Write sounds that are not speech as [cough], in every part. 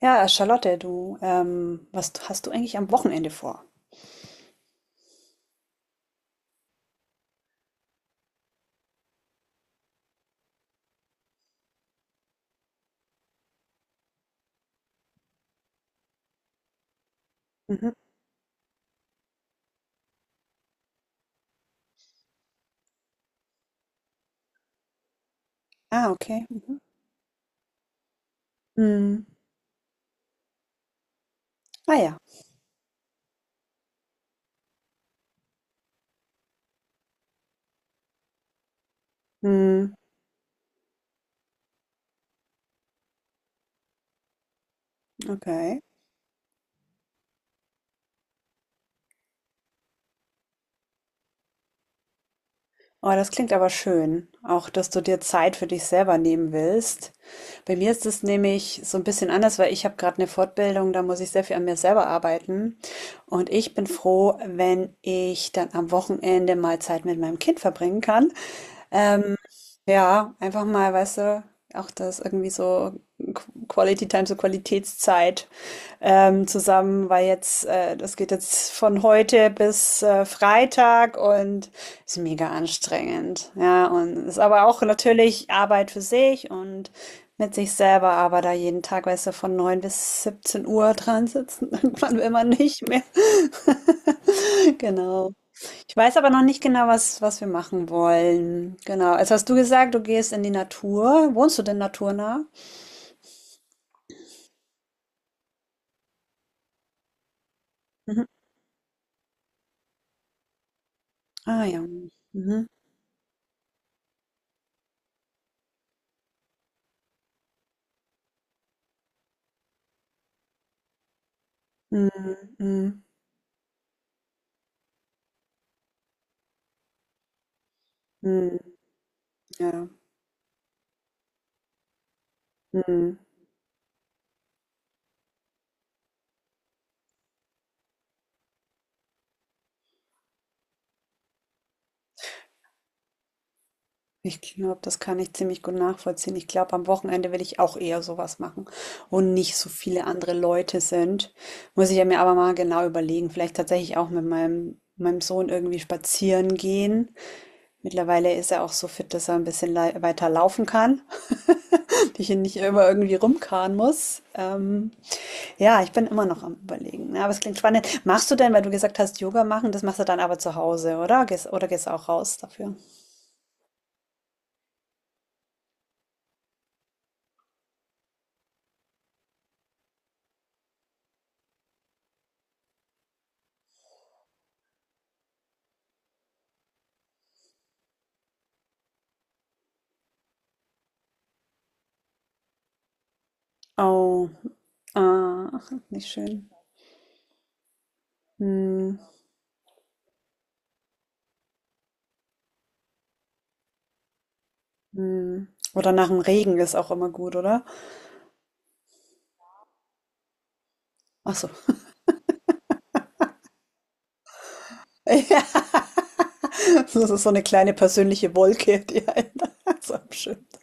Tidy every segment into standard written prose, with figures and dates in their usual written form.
Ja, Charlotte, du, was hast du eigentlich am Wochenende vor? Mhm. Ah, okay. Mhm. Hm. Ah ja. Hm. Okay. Oh, das klingt aber schön. Auch, dass du dir Zeit für dich selber nehmen willst. Bei mir ist es nämlich so ein bisschen anders, weil ich habe gerade eine Fortbildung, da muss ich sehr viel an mir selber arbeiten. Und ich bin froh, wenn ich dann am Wochenende mal Zeit mit meinem Kind verbringen kann. Ähm, ja, einfach mal, weißt du, auch das irgendwie so Quality Time, so Qualitätszeit, zusammen, weil jetzt, das geht jetzt von heute bis Freitag und ist mega anstrengend. Ja, und ist aber auch natürlich Arbeit für sich und mit sich selber, aber da jeden Tag, weißt du, von 9 bis 17 Uhr dran sitzen, [laughs] irgendwann will man nicht mehr. [laughs] Genau. Ich weiß aber noch nicht genau, was wir machen wollen. Genau. Jetzt hast du gesagt, du gehst in die Natur. Wohnst du denn naturnah? Mhm. Ah ja. Mhm. Mhm. Mhm. Mhm. Ja. Mhm. Ich glaube, das kann ich ziemlich gut nachvollziehen. Ich glaube, am Wochenende will ich auch eher sowas machen, wo nicht so viele andere Leute sind. Muss ich ja mir aber mal genau überlegen. Vielleicht tatsächlich auch mit meinem Sohn irgendwie spazieren gehen. Mittlerweile ist er auch so fit, dass er ein bisschen weiter laufen kann. Die ich hier nicht immer irgendwie rumkarren muss. Ja, ich bin immer noch am Überlegen. Ja, aber es klingt spannend. Machst du denn, weil du gesagt hast, Yoga machen, das machst du dann aber zu Hause, oder? Gehst, oder gehst du auch raus dafür? Oh, ah, nicht schön. Hm, hm. Oder nach dem Regen ist auch immer gut, oder? Ach so. [laughs] Ja, das ist so eine kleine persönliche Wolke, die einen [laughs] so abschirmt.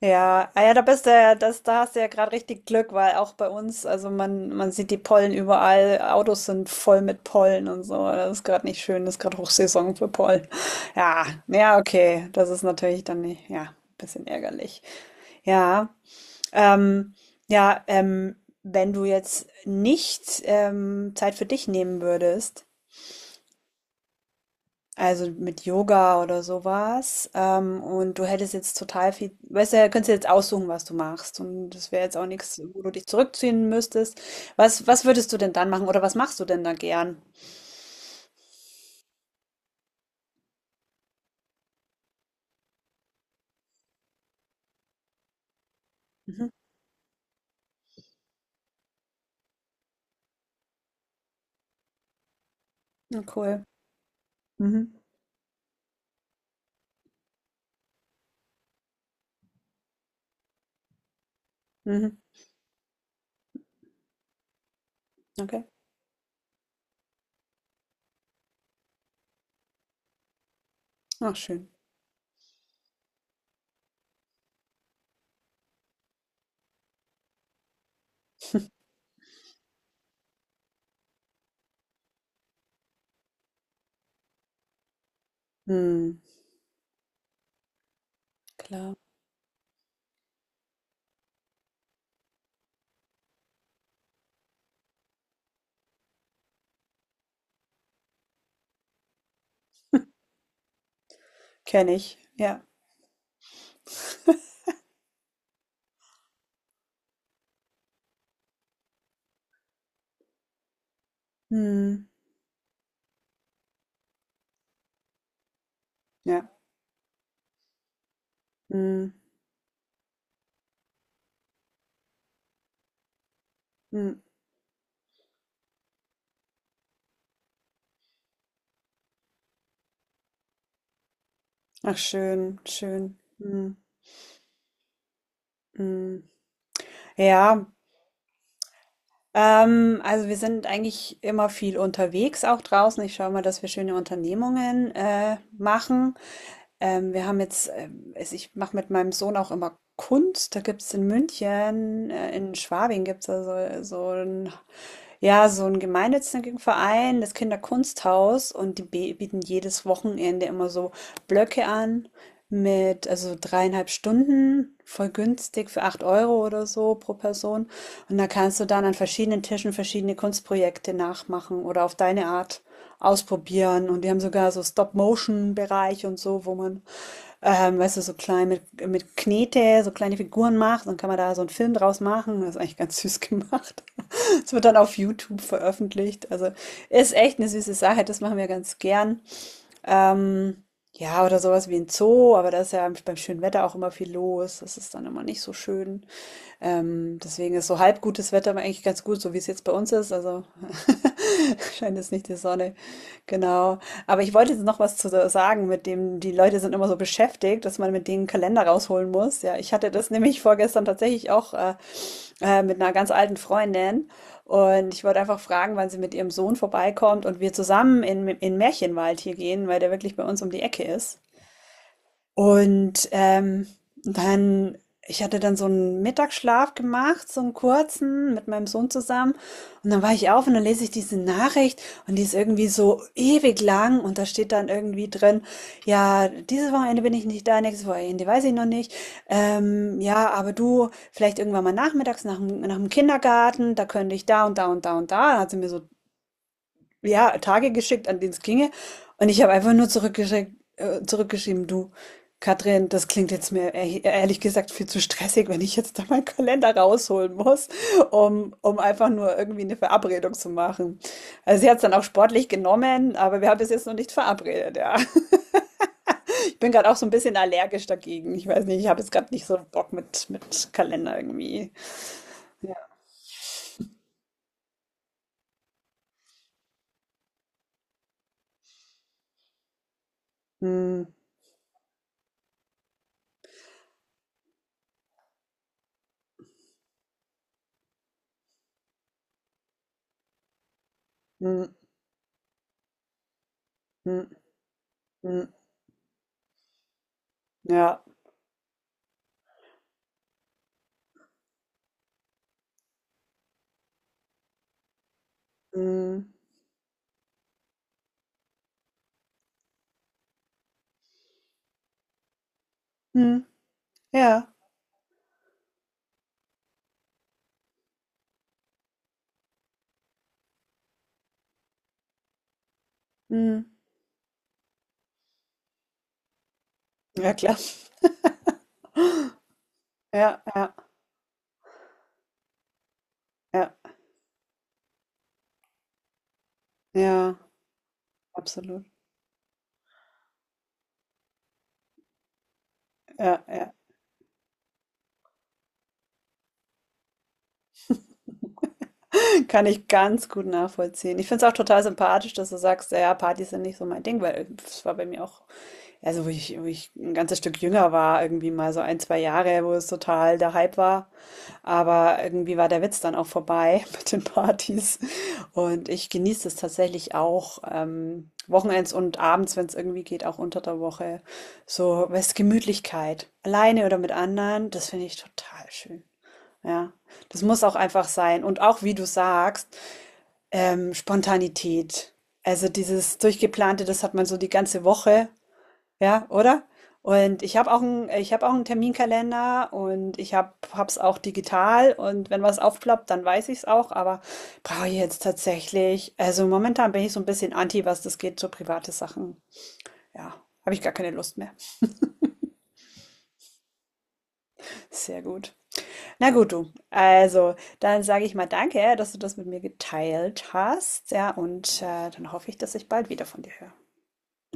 Ja, ah ja, da bist du ja, das, da hast du ja gerade richtig Glück, weil auch bei uns, also man sieht die Pollen überall, Autos sind voll mit Pollen und so. Das ist gerade nicht schön, das ist gerade Hochsaison für Pollen. Ja, ja, okay, das ist natürlich dann nicht, ja, ein bisschen ärgerlich. Ja, ähm, ja, wenn du jetzt nicht Zeit für dich nehmen würdest, also mit Yoga oder sowas. Und du hättest jetzt total viel, weißt du, ja, könntest du jetzt aussuchen, was du machst. Und das wäre jetzt auch nichts, wo du dich zurückziehen müsstest. Was würdest du denn dann machen oder was machst du denn da gern? Mhm. Ja, cool. Mhm. Mhm. Okay. Ach, schön. Hm. Klar. Kenne ich. Ja. Hm. Ja. Hm. Hm. Ach, schön, schön. Hm. Hm. Ja. Also wir sind eigentlich immer viel unterwegs, auch draußen. Ich schaue mal, dass wir schöne Unternehmungen machen. Wir haben jetzt, ich mache mit meinem Sohn auch immer Kunst. Da gibt es in München, in Schwabing gibt es so ein ja, so ein gemeinnützigen Verein, das Kinderkunsthaus, und die bieten jedes Wochenende immer so Blöcke an mit, also 3,5 Stunden, voll günstig für 8 Euro oder so pro Person. Und da kannst du dann an verschiedenen Tischen verschiedene Kunstprojekte nachmachen oder auf deine Art ausprobieren. Und die haben sogar so Stop-Motion-Bereich und so, wo man, weißt du, so klein mit, Knete, so kleine Figuren macht. Dann kann man da so einen Film draus machen. Das ist eigentlich ganz süß [laughs] gemacht. Es wird dann auf YouTube veröffentlicht. Also ist echt eine süße Sache, das machen wir ganz gern. Ähm, ja, oder sowas wie ein Zoo, aber da ist ja beim schönen Wetter auch immer viel los. Das ist dann immer nicht so schön. Deswegen ist so halb gutes Wetter aber eigentlich ganz gut, so wie es jetzt bei uns ist. Also [laughs] scheint jetzt nicht die Sonne. Genau. Aber ich wollte jetzt noch was zu sagen, mit dem die Leute sind immer so beschäftigt, dass man mit denen einen Kalender rausholen muss. Ja, ich hatte das nämlich vorgestern tatsächlich auch mit einer ganz alten Freundin. Und ich wollte einfach fragen, wann sie mit ihrem Sohn vorbeikommt und wir zusammen in Märchenwald hier gehen, weil der wirklich bei uns um die Ecke ist. Und, dann ich hatte dann so einen Mittagsschlaf gemacht, so einen kurzen, mit meinem Sohn zusammen. Und dann war ich auf und dann lese ich diese Nachricht und die ist irgendwie so ewig lang und da steht dann irgendwie drin: „Ja, dieses Wochenende bin ich nicht da, nächstes Wochenende weiß ich noch nicht. Ja, aber du vielleicht irgendwann mal nachmittags nach dem Kindergarten, da könnte ich da und da und da und da." Da hat sie mir so ja, Tage geschickt, an denen es ginge. Und ich habe einfach nur zurückgeschickt, zurückgeschrieben, du, Katrin, das klingt jetzt mir ehrlich gesagt viel zu stressig, wenn ich jetzt da meinen Kalender rausholen muss, um einfach nur irgendwie eine Verabredung zu machen. Also sie hat es dann auch sportlich genommen, aber wir haben es jetzt noch nicht verabredet, ja. [laughs] Ich bin gerade auch so ein bisschen allergisch dagegen. Ich weiß nicht, ich habe jetzt gerade nicht so Bock mit, Kalender irgendwie. Ja. Hm, hm, hm, hm, ja. Hm, hm, ja. Hm. Ja, klar. Ja, ja, ja, ja, absolut. Ja, ja. Kann ich ganz gut nachvollziehen. Ich finde es auch total sympathisch, dass du sagst, ja, Partys sind nicht so mein Ding, weil es war bei mir auch. Also, wo ich ein ganzes Stück jünger war, irgendwie mal so ein, zwei Jahre, wo es total der Hype war. Aber irgendwie war der Witz dann auch vorbei [laughs] mit den Partys. Und ich genieße es tatsächlich auch wochenends und abends, wenn es irgendwie geht, auch unter der Woche. So, was Gemütlichkeit. Alleine oder mit anderen, das finde ich total schön. Ja, das muss auch einfach sein. Und auch, wie du sagst, Spontanität. Also dieses Durchgeplante, das hat man so die ganze Woche ja, oder? Und ich habe auch einen Terminkalender und ich habe es auch digital und wenn was aufploppt, dann weiß ich es auch, aber brauche ich jetzt tatsächlich also, momentan bin ich so ein bisschen anti, was das geht, so private Sachen. Ja, habe ich gar keine Lust mehr. Sehr gut. Na gut, du. Also, dann sage ich mal danke, dass du das mit mir geteilt hast, ja, und, dann hoffe ich, dass ich bald wieder von dir höre.